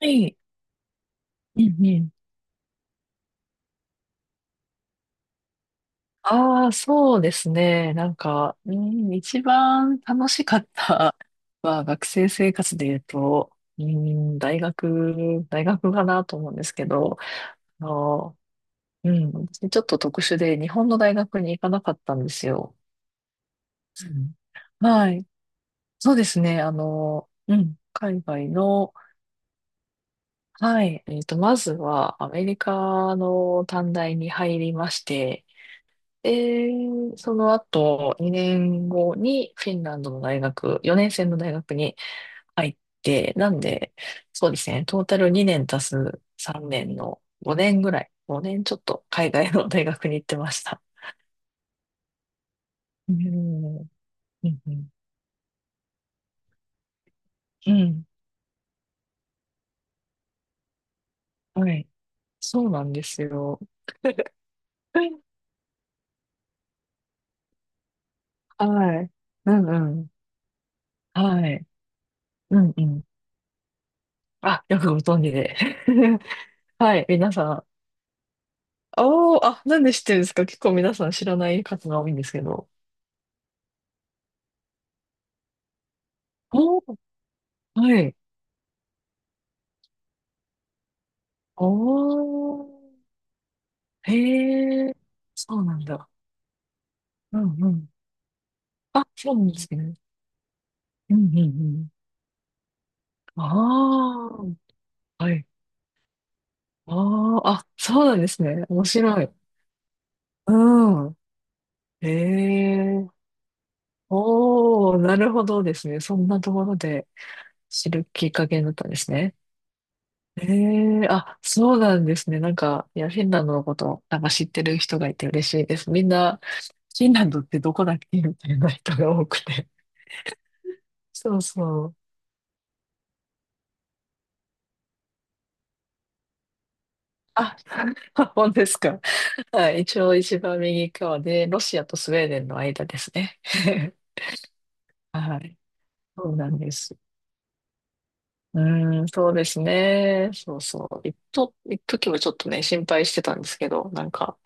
はい。うんうん。ああ、そうですね。なんか、うん、一番楽しかったは学生生活で言うと、うん、大学かなと思うんですけど、あの、うん、ちょっと特殊で日本の大学に行かなかったんですよ。うんはい。そうですね。あの、うん、海外の、はい。えっと、まずはアメリカの短大に入りまして、その後、2年後にフィンランドの大学、4年生の大学に入って、なんで、そうですね、トータル2年足す3年の5年ぐらい、5年ちょっと海外の大学に行ってました。うん、うん、うん、うんはい。そうなんですよ。はい。うん、うん。はい。うん、うん。あ、よくご存知で。はい、皆さん。おー、あ、なんで知ってるんですか？結構皆さん知らない方が多いんですけど。おー、はい。おー、へえ、そうなんだ。うんうん。あ、そうなんですね。うんうんうん。ああ、はい。ああ、あ、そうなんですね。面白い。うん。へえ、おー、なるほどですね。そんなところで知るきっかけになったんですね。へえ、あ、そうなんですね。なんか、いや、フィンランドのこと、なんか知ってる人がいて嬉しいです。みんな、フィンランドってどこだっけみたいな人が多くて。そうそう。あ、本当ですか？はい。一応一番右側で、ロシアとスウェーデンの間ですね。はい。そうなんです。うーん、そうですね。そうそう。一と、一時はちょっとね、心配してたんですけど、なんか、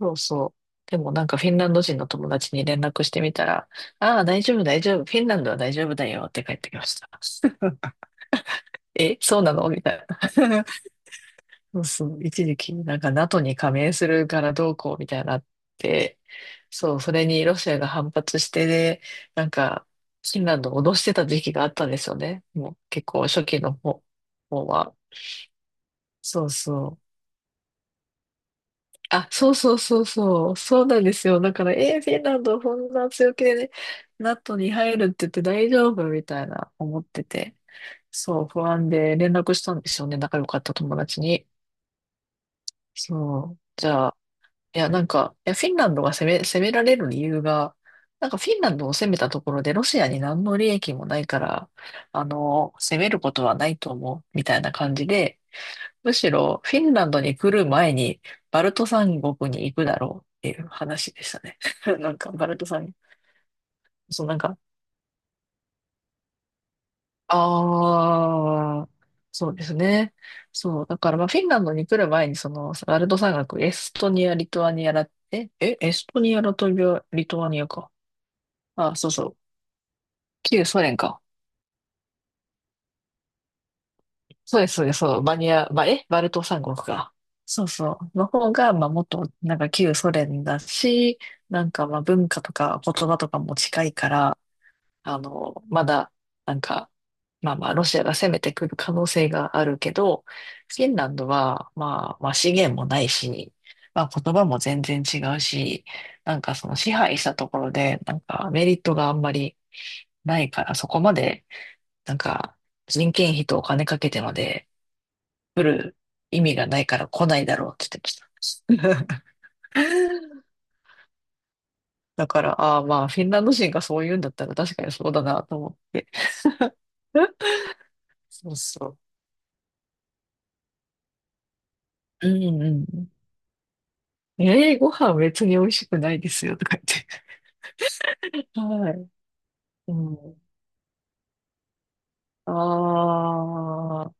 そうそう。でもなんかフィンランド人の友達に連絡してみたら、ああ、大丈夫、大丈夫。フィンランドは大丈夫だよって帰ってきました。え、そうなのみたいな。そうそう、一時期、なんか NATO に加盟するからどうこうみたいなのあって、そう、それにロシアが反発して、で、なんか、フィンランドを脅してた時期があったんですよね。もう結構初期の方、方は。そうそう。あ、そうそうそうそう。そうなんですよ。だから、フィンランドこんな強気でね、NATO に入るって言って大丈夫みたいな思ってて。そう、不安で連絡したんですよね。仲良かった友達に。そう。じゃあ、いや、なんか、いや、フィンランドが攻め、攻められる理由が、なんかフィンランドを攻めたところでロシアに何の利益もないから、あの、攻めることはないと思う、みたいな感じで、むしろフィンランドに来る前にバルト三国に行くだろうっていう話でしたね。なんか、バルト三、そう、なんか、ああ、そうですね。そう、だから、まあ、フィンランドに来る前に、その、バルト三国、エストニア、リトアニアだって、え、エストニア、ラトビア、リトアニアか。あ、そうそう。旧ソ連か。そうです、そうです、そう。バニア、ばえ、バルト三国か。そうそう。の方が、まあ、もっと、なんか旧ソ連だし、なんか、まあ、文化とか言葉とかも近いから、あの、まだ、なんか、まあまあ、ロシアが攻めてくる可能性があるけど、フィンランドは、まあ、まあ、資源もないし、まあ、言葉も全然違うし、なんかその支配したところで、なんかメリットがあんまりないから、そこまで、なんか、人件費とお金かけてまで来る意味がないから来ないだろうって言ってました。だから、ああまあ、フィンランド人がそう言うんだったら確かにそうだなと思って。そうそう。うんうん。ええー、ご飯別に美味しくないですよとか言って。はい。うん。ああ、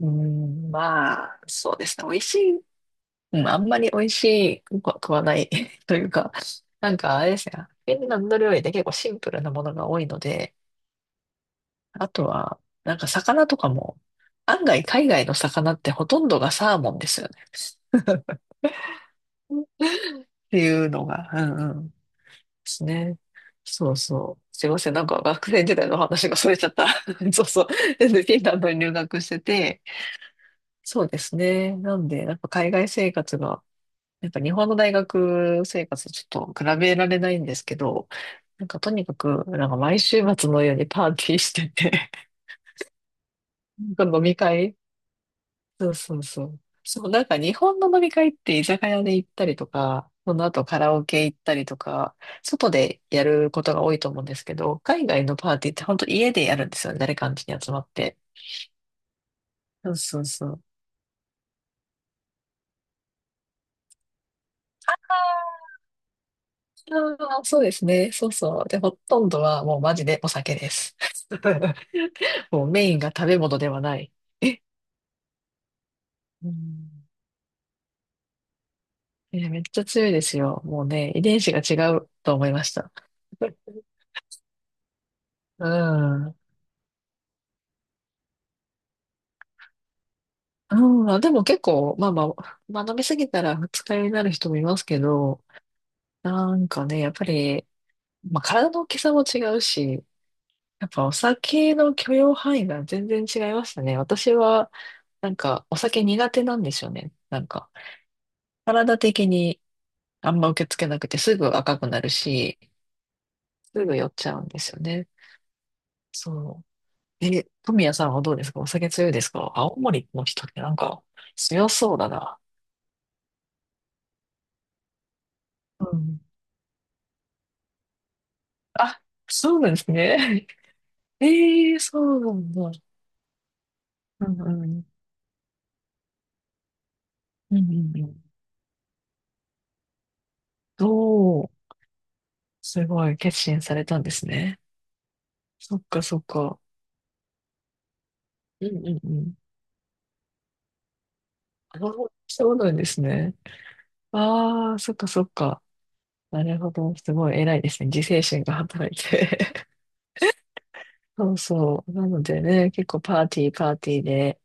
うん、まあ、そうですね。美味しいうん、あんまり美味しくは食わない というか、なんかあれですね、フィンランド料理って結構シンプルなものが多いので、あとは、なんか魚とかも、案外海外の魚ってほとんどがサーモンですよね。っていうのが、うんうん、ですね。そうそう。すいません、なんか学生時代の話がそれちゃった。そうそう。で、フィンランドに留学してて、そうですね。なんで、やっぱ海外生活がやっぱ日本の大学生活とちょっと比べられないんですけど、なんかとにかく、なんか毎週末のようにパーティーしてて、なんか飲み会そうそうそう。そう、なんか日本の飲み会って居酒屋で行ったりとか、その後カラオケ行ったりとか、外でやることが多いと思うんですけど、海外のパーティーって本当家でやるんですよね。誰かん家に集まって。そうそうそう。あーそうですね。そうそう。で、ほとんどはもうマジでお酒です。もうメインが食べ物ではない。え、うん。いやめっちゃ強いですよ。もうね、遺伝子が違うと思いました。うん。うん、でも結構、まあまあ、まあ飲みすぎたら二日酔いになる人もいますけど、なんかね、やっぱり、まあ体の大きさも違うし、やっぱお酒の許容範囲が全然違いましたね。私は、なんかお酒苦手なんですよね。なんか、体的にあんま受け付けなくてすぐ赤くなるし、すぐ酔っちゃうんですよね。そう。え、富谷さんはどうですか？お酒強いですか？青森の人ってなんか強そうだな。うん。あ、そうなんですね。ええそうなんだ。うんうん。うんうんうん。どう、すごい決心されたんですね。そっかそっか。うんうんうん。あ、そうなんですね。ああ、そっかそっか。なるほど。すごい偉いですね。自制心が働いて。そうそう。なのでね、結構パーティーパーティーで、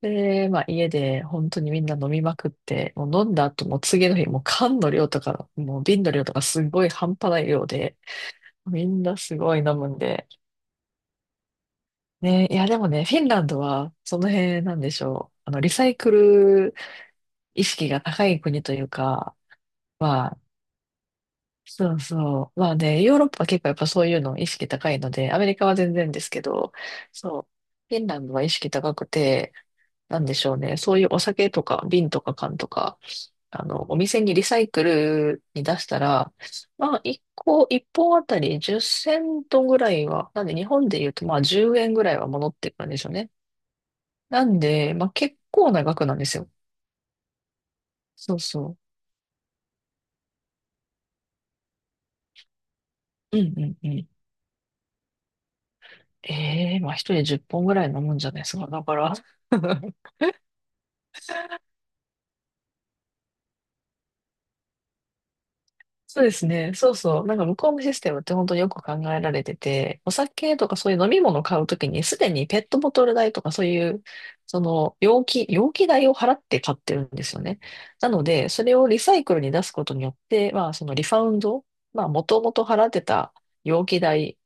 で、まあ家で本当にみんな飲みまくって、もう飲んだ後も次の日もう缶の量とか、もう瓶の量とかすごい半端ない量で、みんなすごい飲むんで。ね、いやでもね、フィンランドはその辺なんでしょう。あの、リサイクル意識が高い国というか、まあ、そうそう。まあね、ヨーロッパは結構やっぱそういうの意識高いので、アメリカは全然ですけど、そう、フィンランドは意識高くて、なんでしょうね、そういうお酒とか瓶とか缶とか、あの、お店にリサイクルに出したら、まあ、1個、一本あたり10セントぐらいは、なんで日本で言うと、まあ、10円ぐらいは戻ってくるんでしょうね。なんで、まあ、結構な額なんですよ。そうそう。うんうんうん。ええまあ、一人10本ぐらい飲むんじゃないですか。だから。そうですね。そうそう。なんか向こうのシステムって本当によく考えられてて、お酒とかそういう飲み物を買うときに、すでにペットボトル代とかそういう、その容器代を払って買ってるんですよね。なので、それをリサイクルに出すことによって、まあそのリファウンド、まあもともと払ってた容器代、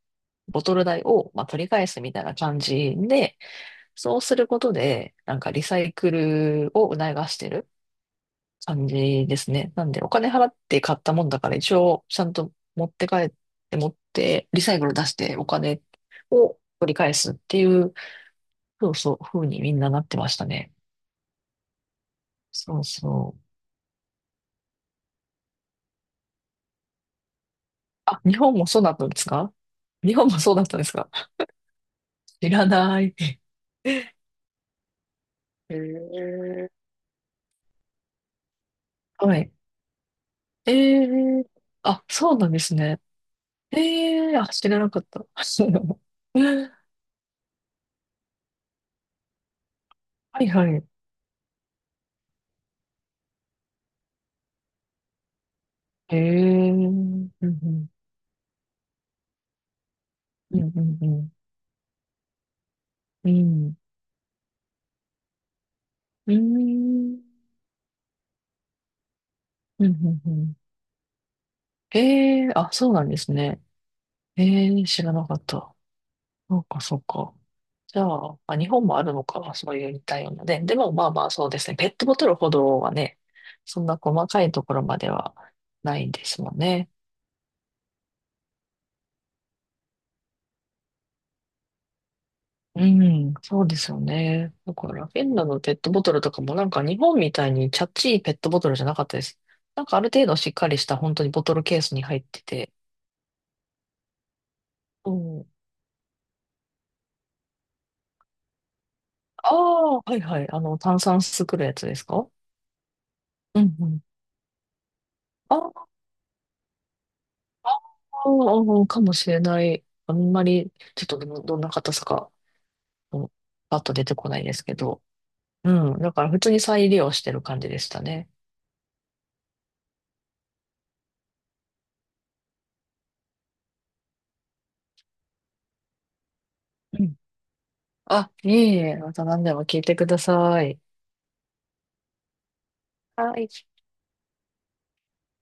ボトル代を、まあ、取り返すみたいな感じで、そうすることで、なんかリサイクルを促してる。感じですね。なんで、お金払って買ったもんだから、一応、ちゃんと持って帰って、持って、リサイクル出して、お金を取り返すっていう、そうそう、風にみんななってましたね。そうそう。あ、日本もそうだったんですか日本もそうだったんですか知らない。へえはい。ええあ、そうなんですね。ええあ、知らなかった。はいはい。ええうんうんうんうんうん。うん。うーん。うんうんうん。ええあ、そうなんですね。ええ知らなかった。そうか、そうか。じゃあ、まあ、日本もあるのか、そういう似たようなね。でも、まあまあ、そうですね。ペットボトルほどはね、そんな細かいところまではないですもんね。うん、そうですよね。だから、フィンランドのペットボトルとかもなんか日本みたいにチャッチいペットボトルじゃなかったです。なんかある程度しっかりした本当にボトルケースに入ってて、うんああ、はいはい。あの、炭酸作るやつですか？うんうん。ああ、かもしれない。あんまり、ちょっとどどんな硬さか、うんパッと出てこないですけど。うん。だから普通に再利用してる感じでしたね。うん。あ、いえいえ、また何でも聞いてください。はい。